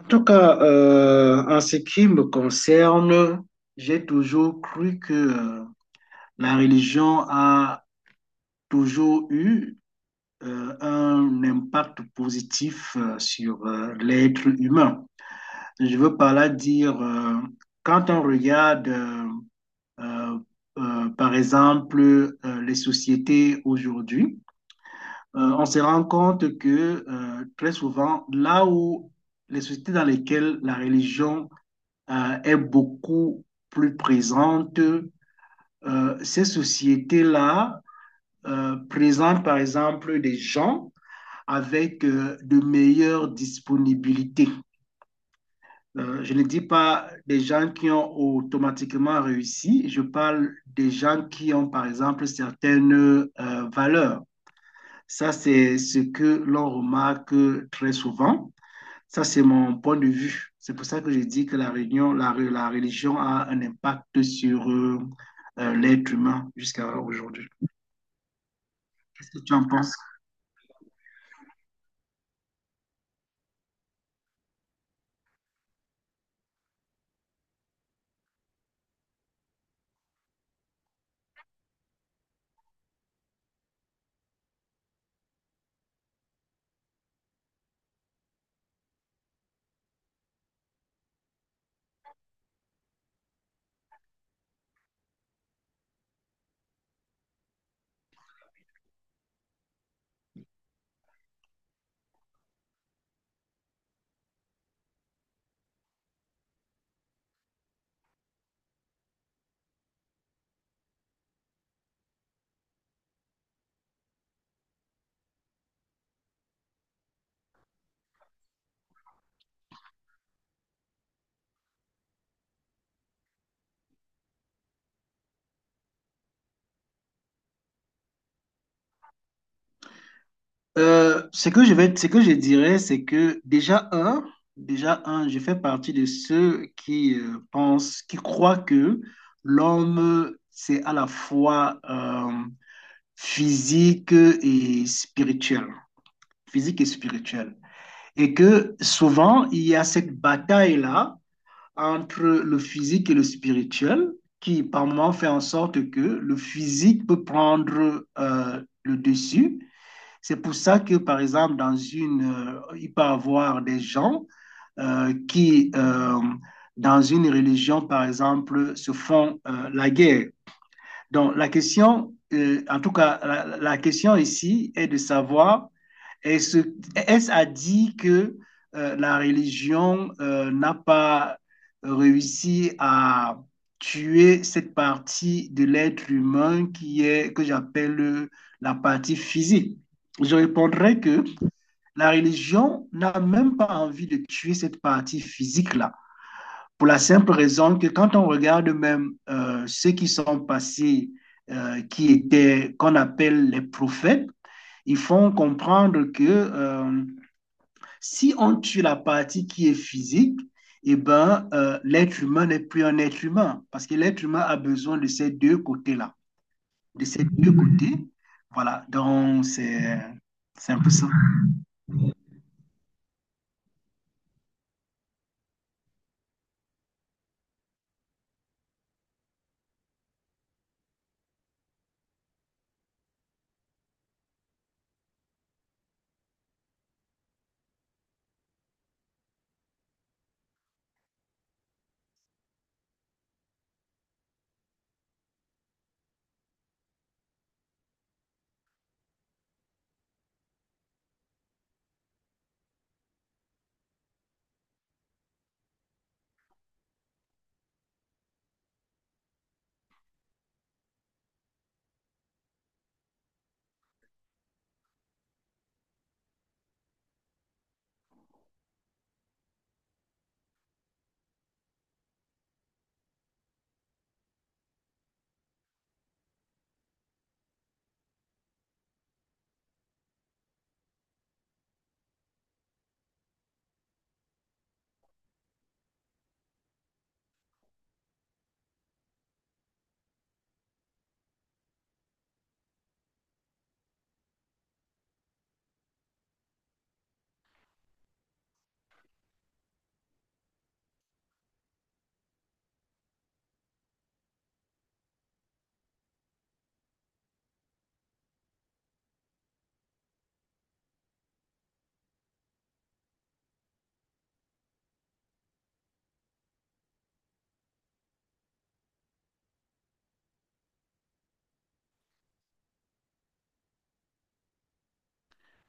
En tout cas, en ce qui me concerne, j'ai toujours cru que la religion a toujours eu un impact positif sur l'être humain. Je veux par là dire, quand on regarde, euh, par exemple, les sociétés aujourd'hui, on se rend compte que très souvent, là où les sociétés dans lesquelles la religion est beaucoup plus présente. Ces sociétés-là présentent par exemple des gens avec de meilleures disponibilités. Je ne dis pas des gens qui ont automatiquement réussi, je parle des gens qui ont par exemple certaines valeurs. Ça, c'est ce que l'on remarque très souvent. Ça, c'est mon point de vue. C'est pour ça que je dis que la réunion, la religion a un impact sur l'être humain jusqu'à aujourd'hui. Qu'est-ce que tu en penses? Ce que je vais, ce que je dirais, c'est que déjà un, je fais partie de ceux qui pensent, qui croient que l'homme, c'est à la fois physique et spirituel, physique et spirituel, et que souvent il y a cette bataille-là entre le physique et le spirituel, qui par moment fait en sorte que le physique peut prendre le dessus. C'est pour ça que, par exemple, dans une, il peut y avoir des gens euh, qui, euh, dans une religion, par exemple, se font la guerre. Donc, la question, en tout cas, la question ici est de savoir est-ce, est-ce à dire que la religion n'a pas réussi à tuer cette partie de l'être humain qui est, que j'appelle la partie physique? Je répondrai que la religion n'a même pas envie de tuer cette partie physique-là, pour la simple raison que quand on regarde même ceux qui sont passés, qui étaient qu'on appelle les prophètes, ils font comprendre que si on tue la partie qui est physique, eh ben, l'être humain n'est plus un être humain parce que l'être humain a besoin de ces deux côtés-là, de ces deux côtés. Voilà, donc c'est un peu ça.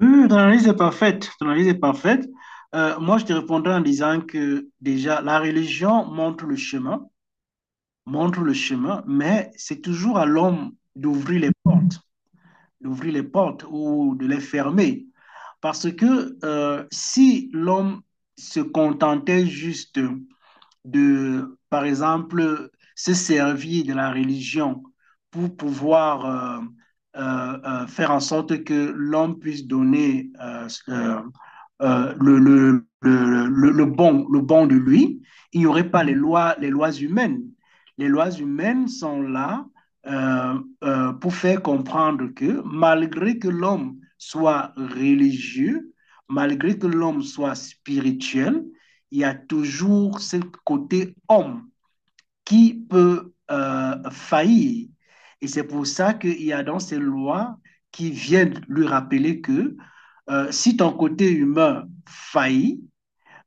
Ton analyse est parfaite. Ton analyse est parfaite. Moi, je te répondrai en disant que déjà, la religion montre le chemin, mais c'est toujours à l'homme d'ouvrir les portes ou de les fermer. Parce que si l'homme se contentait juste de, par exemple, se servir de la religion pour pouvoir faire en sorte que l'homme puisse donner le, bon, le bon de lui, il n'y aurait pas les lois, les lois humaines. Les lois humaines sont là euh, pour faire comprendre que malgré que l'homme soit religieux, malgré que l'homme soit spirituel, il y a toujours ce côté homme qui peut faillir. Et c'est pour ça qu'il y a dans ces lois qui viennent lui rappeler que si ton côté humain faillit,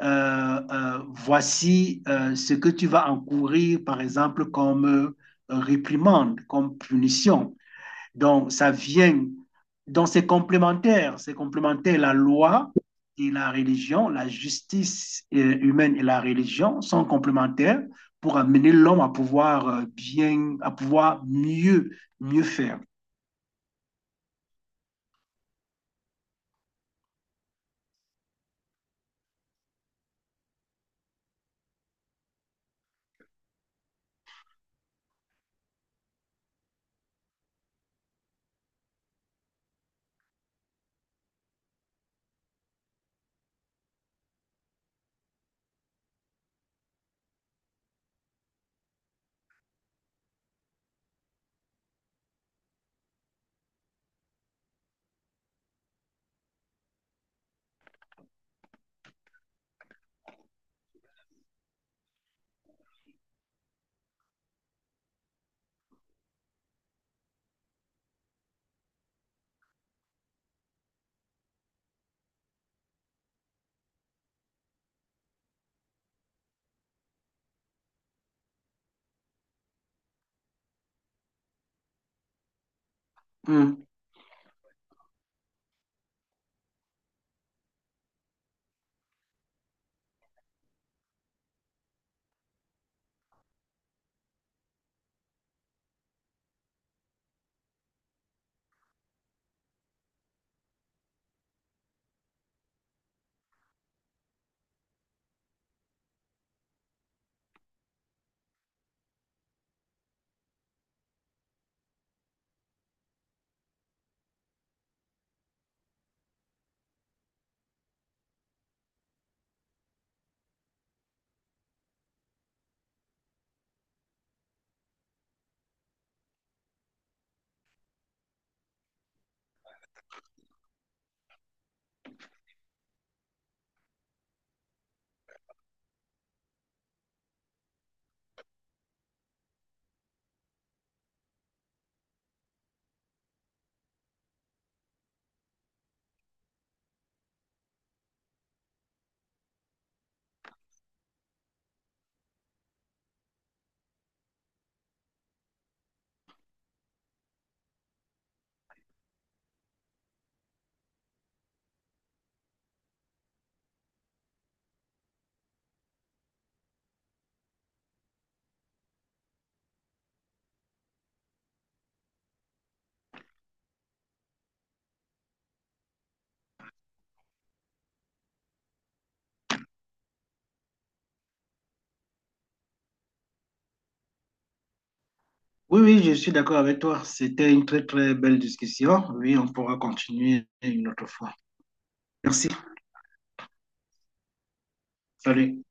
voici ce que tu vas encourir, par exemple, comme réprimande, comme punition. Donc, ça vient, donc c'est complémentaire, c'est complémentaire. La loi et la religion, la justice humaine et la religion sont complémentaires pour amener l'homme à pouvoir à pouvoir mieux, mieux faire. Hmm. Oui, oui, je suis d'accord avec toi. C'était une très, très belle discussion. Oui, on pourra continuer une autre fois. Merci. Salut.